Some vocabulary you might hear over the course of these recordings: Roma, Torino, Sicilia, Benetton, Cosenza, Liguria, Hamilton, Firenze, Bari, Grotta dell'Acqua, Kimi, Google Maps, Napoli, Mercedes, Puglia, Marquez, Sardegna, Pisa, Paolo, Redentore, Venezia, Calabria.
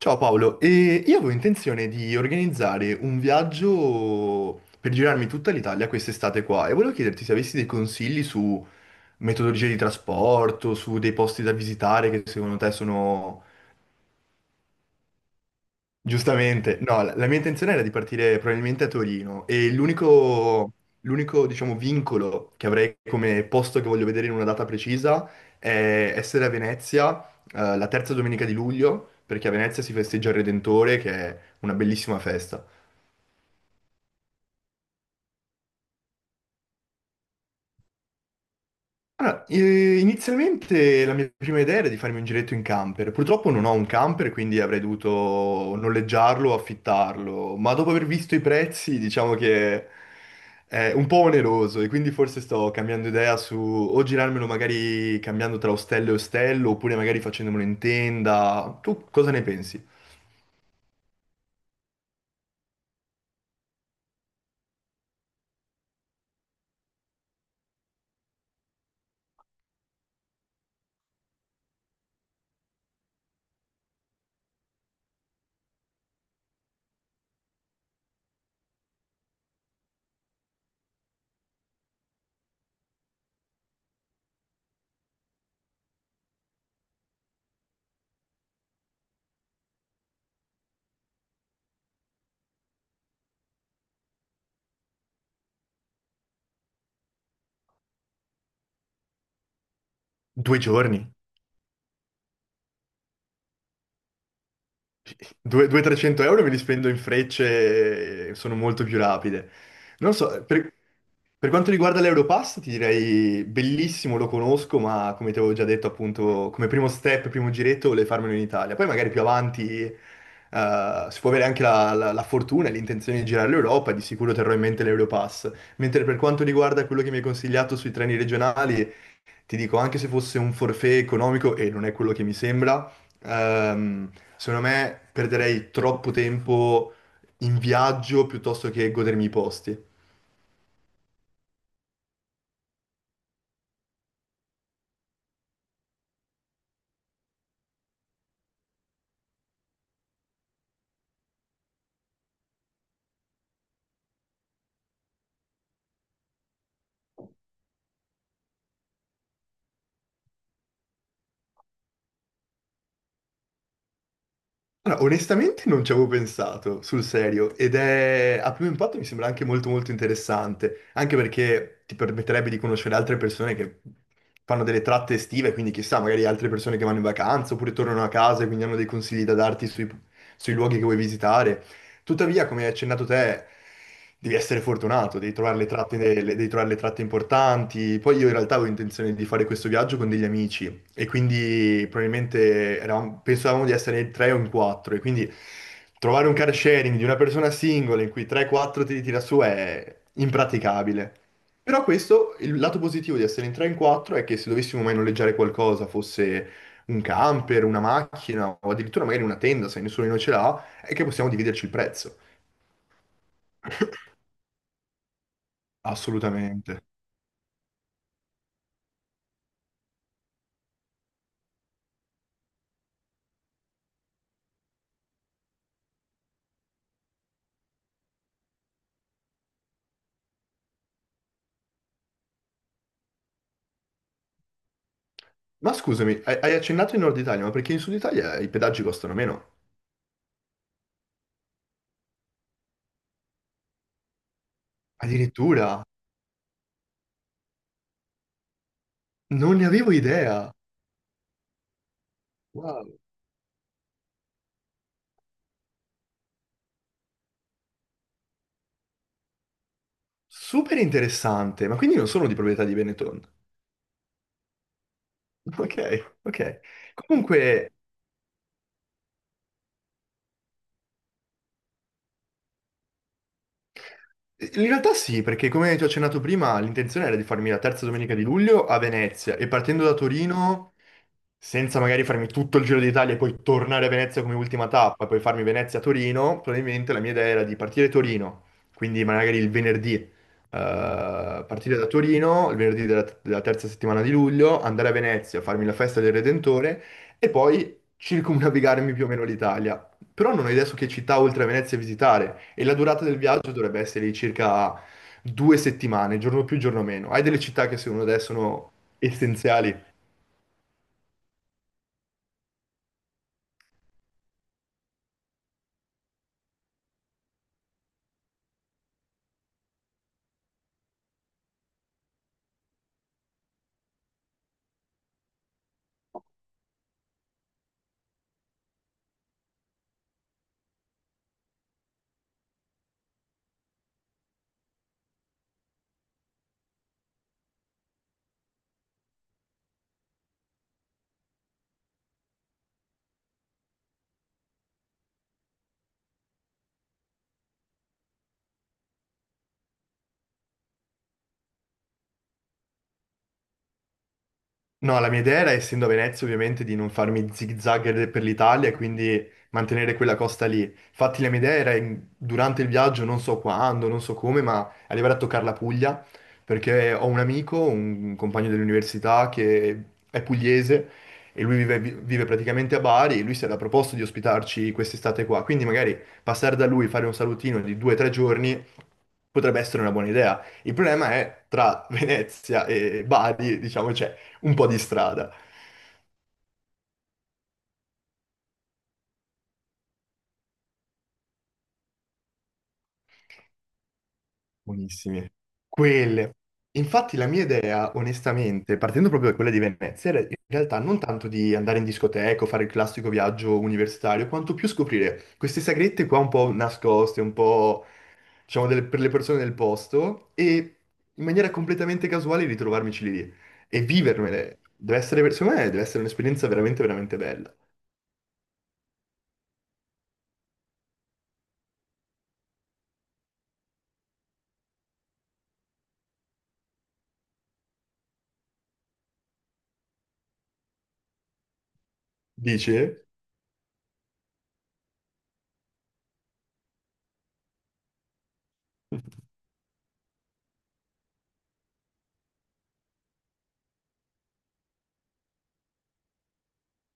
Ciao Paolo, e io avevo intenzione di organizzare un viaggio per girarmi tutta l'Italia quest'estate qua e volevo chiederti se avessi dei consigli su metodologie di trasporto, su dei posti da visitare che secondo te sono giustamente, no, la mia intenzione era di partire probabilmente a Torino e l'unico, diciamo, vincolo che avrei come posto che voglio vedere in una data precisa è essere a Venezia, la terza domenica di luglio, perché a Venezia si festeggia il Redentore, che è una bellissima festa. Allora, inizialmente la mia prima idea era di farmi un giretto in camper. Purtroppo non ho un camper, quindi avrei dovuto noleggiarlo o affittarlo, ma dopo aver visto i prezzi, diciamo che è un po' oneroso e quindi forse sto cambiando idea su o girarmelo magari cambiando tra ostello e ostello, oppure magari facendomelo in tenda. Tu cosa ne pensi? 2 giorni, 200-300 euro me li spendo in frecce e sono molto più rapide. Non so, per... Per quanto riguarda l'Europass, ti direi bellissimo, lo conosco, ma come ti avevo già detto, appunto, come primo step, primo giretto, volevo farmelo in Italia. Poi magari più avanti, si può avere anche la fortuna e l'intenzione di girare l'Europa, di sicuro terrò in mente l'Europass. Mentre per quanto riguarda quello che mi hai consigliato sui treni regionali, ti dico, anche se fosse un forfait economico, e non è quello che mi sembra, ehm, secondo me perderei troppo tempo in viaggio piuttosto che godermi i posti. Allora, onestamente non ci avevo pensato, sul serio, ed è a primo impatto mi sembra anche molto molto interessante, anche perché ti permetterebbe di conoscere altre persone che fanno delle tratte estive, quindi chissà, magari altre persone che vanno in vacanza oppure tornano a casa e quindi hanno dei consigli da darti sui, sui luoghi che vuoi visitare. Tuttavia, come hai accennato te, devi essere fortunato, devi trovare le tratte, devi trovare le tratte importanti. Poi io in realtà avevo intenzione di fare questo viaggio con degli amici e quindi probabilmente pensavamo di essere in tre o in quattro e quindi trovare un car sharing di una persona singola in cui 3-4 ti tira su è impraticabile. Però questo, il lato positivo di essere in 3 in 4 è che se dovessimo mai noleggiare qualcosa, fosse un camper, una macchina o addirittura magari una tenda, se nessuno di noi ce l'ha, è che possiamo dividerci il prezzo, assolutamente. Ma scusami, hai accennato in Nord Italia, ma perché in Sud Italia i pedaggi costano meno? Addirittura, non ne avevo idea. Wow, super interessante, ma quindi non sono di proprietà di Benetton. Ok, ok. Comunque, in realtà sì, perché come ti ho accennato prima, l'intenzione era di farmi la terza domenica di luglio a Venezia e partendo da Torino, senza magari farmi tutto il Giro d'Italia e poi tornare a Venezia come ultima tappa e poi farmi Venezia-Torino, probabilmente la mia idea era di partire a Torino, quindi magari il venerdì, partire da Torino, il venerdì della, della terza settimana di luglio, andare a Venezia, farmi la festa del Redentore e poi circumnavigarmi più o meno l'Italia. Però non ho idea su che città oltre a Venezia visitare e la durata del viaggio dovrebbe essere di circa 2 settimane, giorno più, giorno meno. Hai delle città che secondo te sono essenziali? No, la mia idea era, essendo a Venezia, ovviamente, di non farmi zigzag per l'Italia e quindi mantenere quella costa lì. Infatti, la mia idea era durante il viaggio, non so quando, non so come, ma arrivare a toccare la Puglia, perché ho un amico, un compagno dell'università che è pugliese e lui vive, vive praticamente a Bari e lui si era proposto di ospitarci quest'estate qua. Quindi magari passare da lui, fare un salutino di 2 o 3 giorni potrebbe essere una buona idea. Il problema è tra Venezia e Bari, diciamo, c'è un po' di strada. Buonissime. Quelle. Infatti la mia idea, onestamente, partendo proprio da quella di Venezia, era in realtà non tanto di andare in discoteca o fare il classico viaggio universitario, quanto più scoprire queste sagrette qua un po' nascoste, un po', diciamo, delle- per le persone del posto e in maniera completamente casuale ritrovarmici lì e vivermele. Deve essere, secondo me, deve essere un'esperienza veramente, veramente bella. Dici?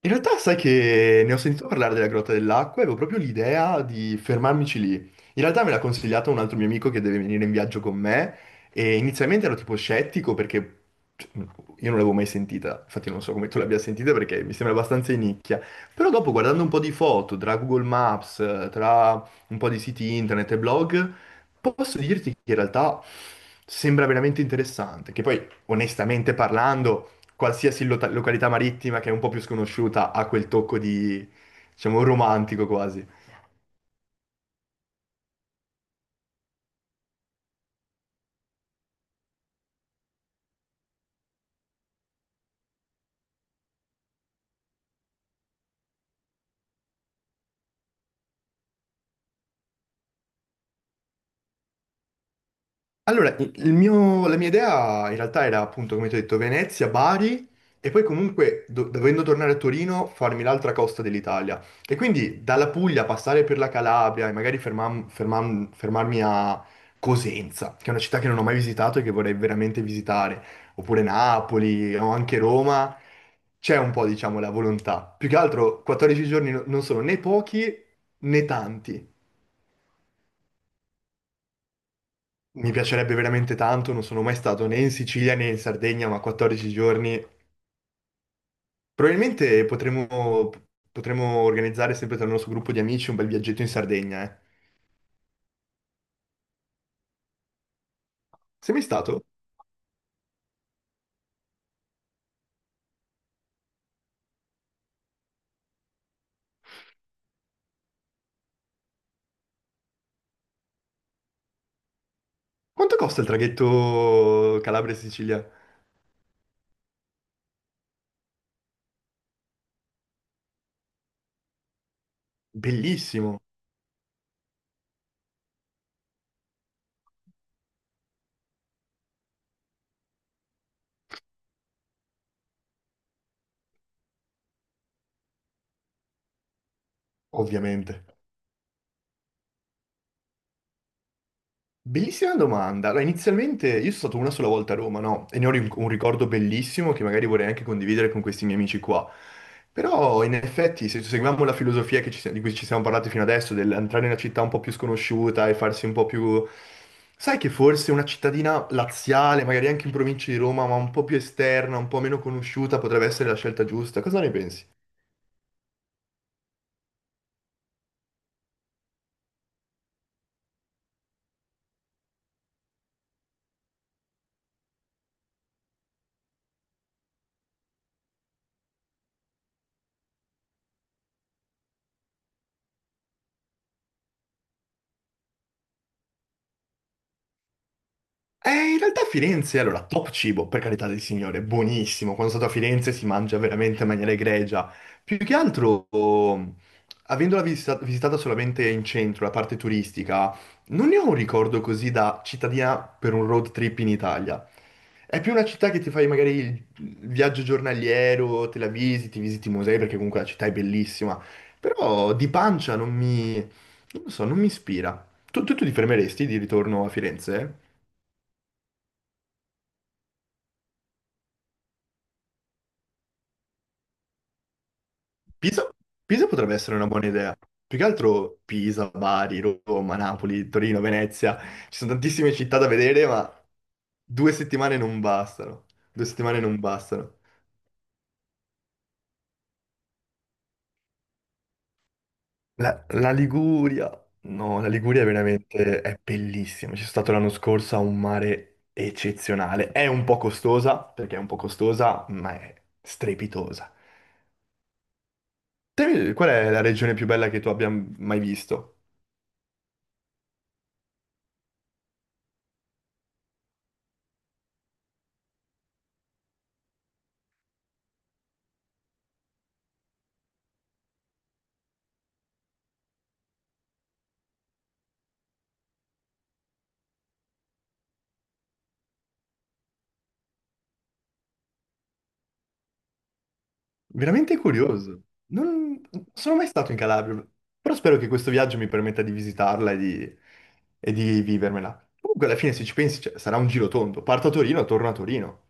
In realtà sai che ne ho sentito parlare della Grotta dell'Acqua e avevo proprio l'idea di fermarmici lì. In realtà me l'ha consigliato un altro mio amico che deve venire in viaggio con me e inizialmente ero tipo scettico perché cioè, io non l'avevo mai sentita, infatti non so come tu l'abbia sentita perché mi sembra abbastanza in nicchia. Però dopo guardando un po' di foto tra Google Maps, tra un po' di siti internet e blog, posso dirti che in realtà sembra veramente interessante, che poi onestamente parlando, qualsiasi località marittima che è un po' più sconosciuta ha quel tocco di, diciamo, romantico quasi. Allora, la mia idea in realtà era appunto, come ti ho detto, Venezia, Bari e poi comunque, dovendo tornare a Torino, farmi l'altra costa dell'Italia. E quindi dalla Puglia passare per la Calabria e magari fermarmi a Cosenza, che è una città che non ho mai visitato e che vorrei veramente visitare, oppure Napoli o anche Roma, c'è un po', diciamo, la volontà. Più che altro, 14 giorni non sono né pochi né tanti. Mi piacerebbe veramente tanto, non sono mai stato né in Sicilia né in Sardegna, ma 14 giorni. Probabilmente potremmo, potremmo organizzare sempre tra il nostro gruppo di amici un bel viaggetto in Sardegna, eh. Sei mai stato? Quanto costa il traghetto Calabria-Sicilia? Bellissimo, ovviamente. Bellissima domanda. Allora, inizialmente io sono stato una sola volta a Roma, no? E ne ho un ricordo bellissimo che magari vorrei anche condividere con questi miei amici qua. Però in effetti, se seguiamo la filosofia che di cui ci siamo parlati fino adesso, dell'entrare in una città un po' più sconosciuta e farsi un po' più... Sai che forse una cittadina laziale, magari anche in provincia di Roma, ma un po' più esterna, un po' meno conosciuta, potrebbe essere la scelta giusta. Cosa ne pensi? In realtà Firenze, allora, top cibo, per carità del Signore, buonissimo. Quando sono stato a Firenze si mangia veramente in maniera egregia. Più che altro, oh, avendola visitata solamente in centro, la parte turistica, non ne ho un ricordo così da cittadina per un road trip in Italia. È più una città che ti fai magari il viaggio giornaliero, te la visiti, visiti i musei, perché comunque la città è bellissima. Però di pancia non mi... non lo so, non mi ispira. Tu ti fermeresti di ritorno a Firenze? Pisa, Pisa potrebbe essere una buona idea. Più che altro Pisa, Bari, Roma, Napoli, Torino, Venezia. Ci sono tantissime città da vedere, ma 2 settimane non bastano. 2 settimane non bastano. La Liguria. No, la Liguria è veramente è bellissima. Ci sono stato l'anno scorso a un mare eccezionale. È un po' costosa, perché è un po' costosa, ma è strepitosa. Te, qual è la regione più bella che tu abbia mai visto? Veramente curioso. Non sono mai stato in Calabria, però spero che questo viaggio mi permetta di visitarla e di vivermela. Comunque, alla fine, se ci pensi, cioè, sarà un giro tondo. Parto a Torino, torno a Torino.